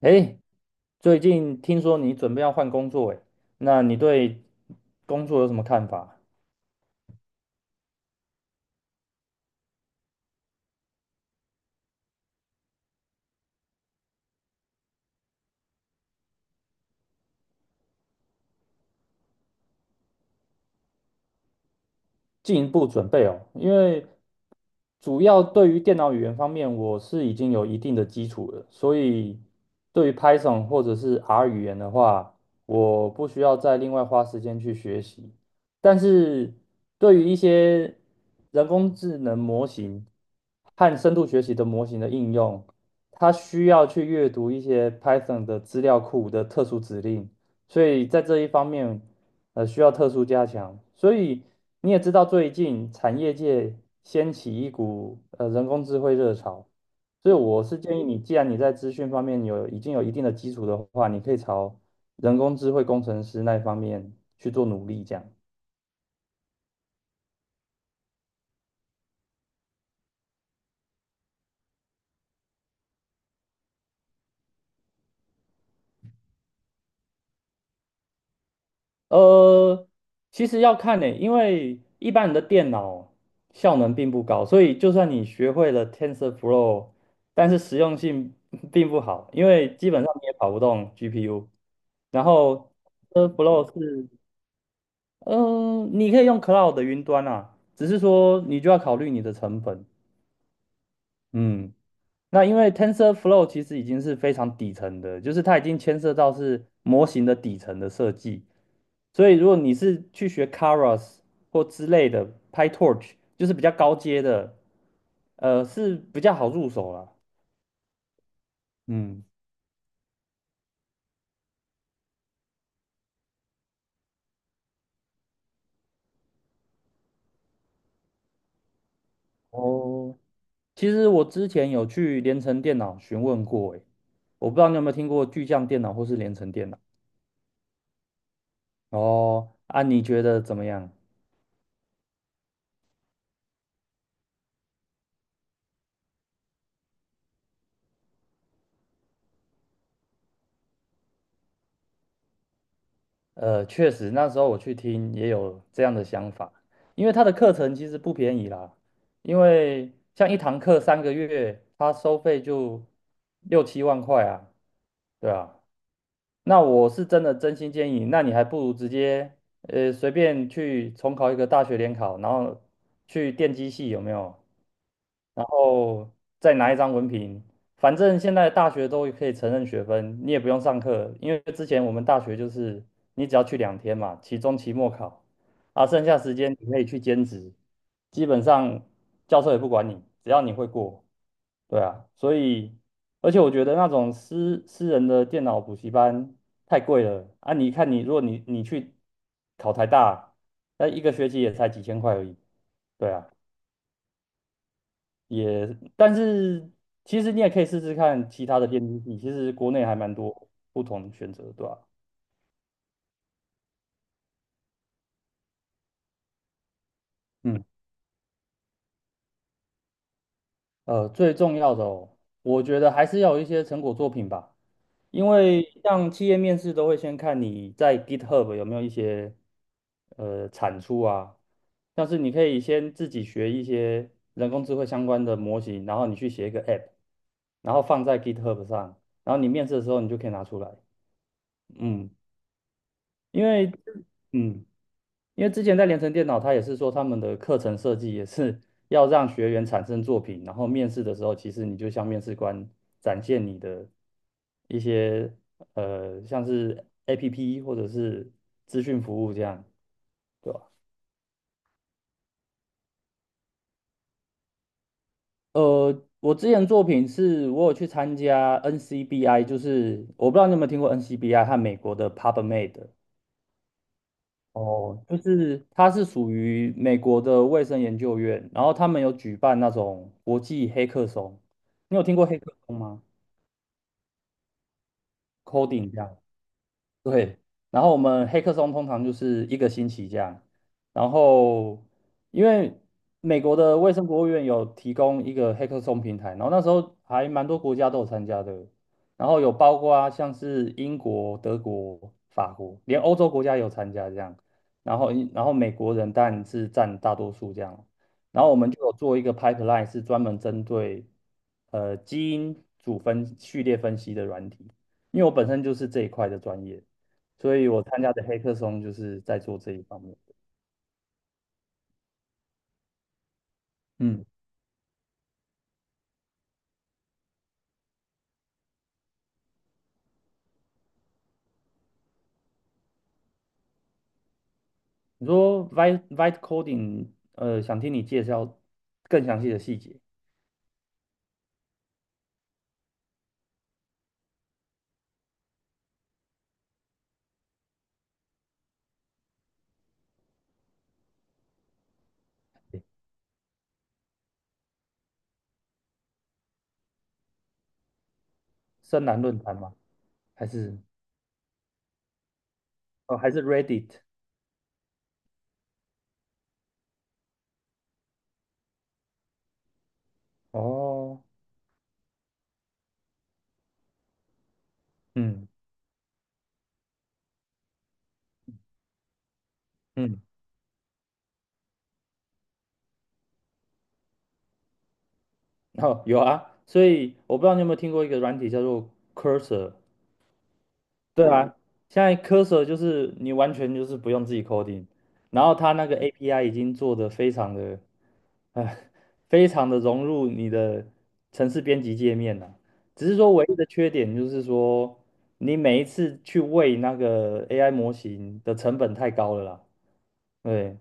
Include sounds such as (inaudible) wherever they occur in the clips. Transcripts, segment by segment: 哎，最近听说你准备要换工作，哎，那你对工作有什么看法？进一步准备哦，因为主要对于电脑语言方面，我是已经有一定的基础了，所以对于 Python 或者是 R 语言的话，我不需要再另外花时间去学习。但是对于一些人工智能模型和深度学习的模型的应用，它需要去阅读一些 Python 的资料库的特殊指令。所以在这一方面，需要特殊加强。所以你也知道，最近产业界掀起一股人工智慧热潮，所以我是建议你，既然你在资讯方面已经有一定的基础的话，你可以朝人工智慧工程师那一方面去做努力，这样。呃，其实要看呢、因为一般人的电脑效能并不高，所以就算你学会了 TensorFlow，但是实用性 (laughs) 并不好，因为基本上你也跑不动 GPU。然后 TensorFlow 是，嗯、你可以用 Cloud 的云端啊，只是说你就要考虑你的成本。嗯，那因为 TensorFlow 其实已经是非常底层的，就是它已经牵涉到是模型的底层的设计。所以如果你是去学 k a r a s 或之类的 PyTorch，就是比较高阶的，是比较好入手啦。嗯，哦，其实我之前有去联成电脑询问过，诶，我不知道你有没有听过巨匠电脑或是联成电脑。哦，啊，你觉得怎么样？确实，那时候我去听也有这样的想法，因为他的课程其实不便宜啦，因为像一堂课三个月，他收费就六七万块啊，对啊，那我是真的真心建议，那你还不如直接随便去重考一个大学联考，然后去电机系有没有？然后再拿一张文凭，反正现在大学都可以承认学分，你也不用上课，因为之前我们大学就是你只要去两天嘛，期中、期末考，啊，剩下时间你可以去兼职，基本上教授也不管你，只要你会过。对啊，所以而且我觉得那种私人的电脑补习班太贵了啊！你看你，如果你去考台大，那一个学期也才几千块而已。对啊，但是其实你也可以试试看其他的电竞系，其实国内还蛮多不同选择，对吧？嗯。最重要的哦，我觉得还是要有一些成果作品吧，因为像企业面试都会先看你在 GitHub 有没有一些产出啊，像是你可以先自己学一些人工智慧相关的模型，然后你去写一个 App，然后放在 GitHub 上，然后你面试的时候你就可以拿出来，嗯，因为嗯。因为之前在联成电脑，他也是说他们的课程设计也是 (laughs) 要让学员产生作品，然后面试的时候，其实你就向面试官展现你的一些像是 APP 或者是资讯服务这样，对吧？我之前作品是我有去参加 NCBI，就是我不知道你有没有听过 NCBI 和美国的 PubMed。哦，就是它是属于美国的卫生研究院，然后他们有举办那种国际黑客松，你有听过黑客松吗？Coding 这样。对，然后我们黑客松通常就是一个星期这样，然后因为美国的卫生国务院有提供一个黑客松平台，然后那时候还蛮多国家都有参加的，然后有包括啊，像是英国、德国、法国，连欧洲国家有参加这样，然后美国人当然是占大多数这样，然后我们就有做一个 pipeline 是专门针对基因组分序列分析的软体。因为我本身就是这一块的专业，所以我参加的黑客松就是在做这一方面的。嗯，你说 Vite Coding，想听你介绍更详细的细节。深蓝论坛吗？还是哦，还是 Reddit？哦，嗯嗯 (laughs)，哦，有啊。所以我不知道你有没有听过一个软体叫做 Cursor。对啊，现在 Cursor 就是你完全就是不用自己 coding，然后它那个 API 已经做得非常的哎，非常的融入你的城市编辑界面呢、只是说唯一的缺点就是说，你每一次去喂那个 AI 模型的成本太高了啦。对，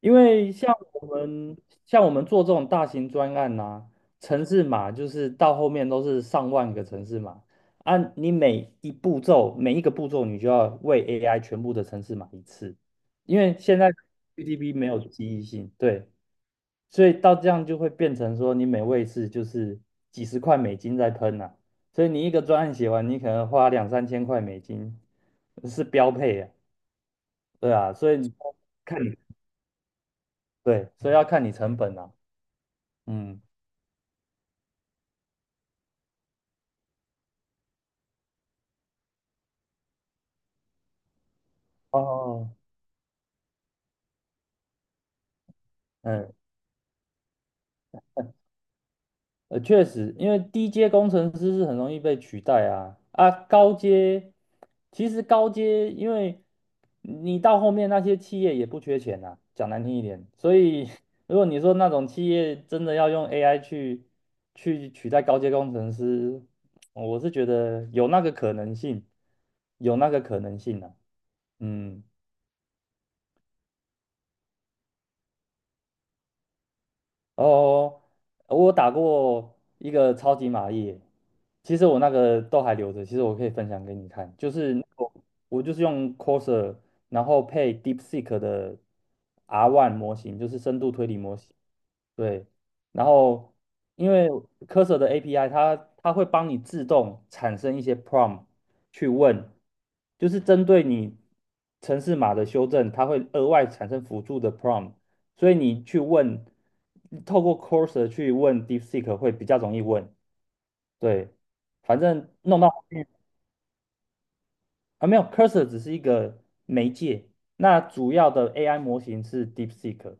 因为像我们我们做这种大型专案呐、啊城市码就是到后面都是上万个城市码按你每一个步骤你就要喂 AI 全部的城市码一次，因为现在 GDP 没有记忆性，对。所以到这样就会变成说，你每位次就是几十块美金在喷呐、所以你一个专案写完，你可能花两三千块美金是标配啊，对啊，所以你看你对，所以要看你成本啊，嗯，哦，嗯。确实，因为低阶工程师是很容易被取代啊，高阶，因为你到后面那些企业也不缺钱啊，讲难听一点，所以 (laughs) 如果你说那种企业真的要用 AI 去取代高阶工程师，我是觉得有那个可能性，有那个可能性啊，嗯。哦，我打过一个超级玛丽，其实我那个都还留着，其实我可以分享给你看，就是那个我就是用 c o r s a r 然后配 DeepSeek 的 R1 模型，就是深度推理模型，对，然后因为 Cursor 的 API，它会帮你自动产生一些 prompt 去问，就是针对你城市码的修正，它会额外产生辅助的 prompt，所以你去问，透过 Cursor 去问 DeepSeek 会比较容易问。对，反正弄到后面啊，没有 Cursor 只是一个媒介，那主要的 AI 模型是 DeepSeek。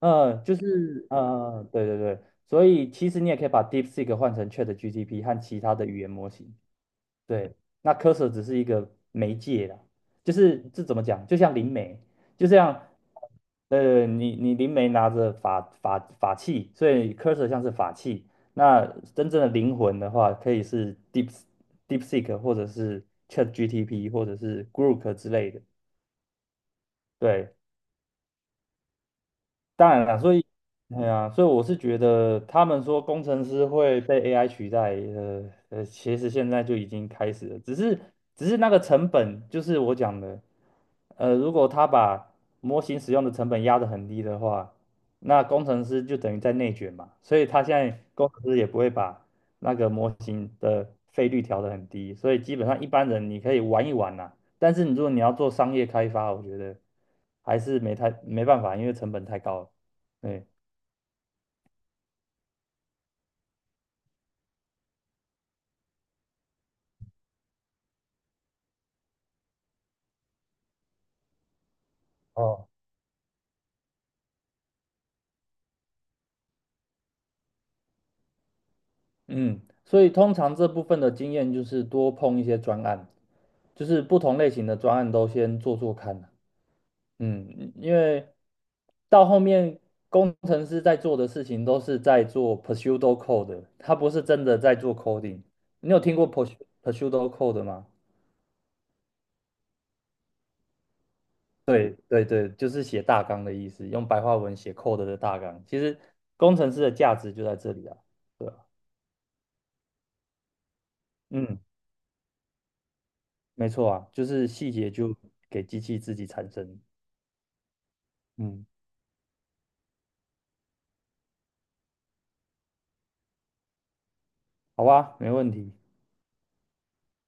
对对对，所以其实你也可以把 DeepSeek 换成 ChatGPT 和其他的语言模型。对，那 Cursor 只是一个媒介啦，就是这怎么讲？就像灵媒，就像你灵媒拿着法器，所以 Cursor 像是法器。那真正的灵魂的话，可以是 DeepSeek 或者是 c h a t g t p 或者是 Grok 之类的。对，当然了，所以，哎呀，所以我是觉得他们说工程师会被 AI 取代，其实现在就已经开始了，只是那个成本，就是我讲的，如果他把模型使用的成本压得很低的话，那工程师就等于在内卷嘛，所以他现在工程师也不会把那个模型的费率调得很低，所以基本上一般人你可以玩一玩呐、但是你如果你要做商业开发，我觉得还是没办法，因为成本太高了。对，哦，嗯，所以通常这部分的经验就是多碰一些专案，就是不同类型的专案都先做做看啊。嗯，因为到后面工程师在做的事情都是在做 pseudo code，他不是真的在做 coding。你有听过 pseudo code 吗？对对对，就是写大纲的意思，用白话文写 code 的大纲。其实工程师的价值就在这里啊，对啊，嗯，没错啊，就是细节就给机器自己产生。嗯，好吧，没问题。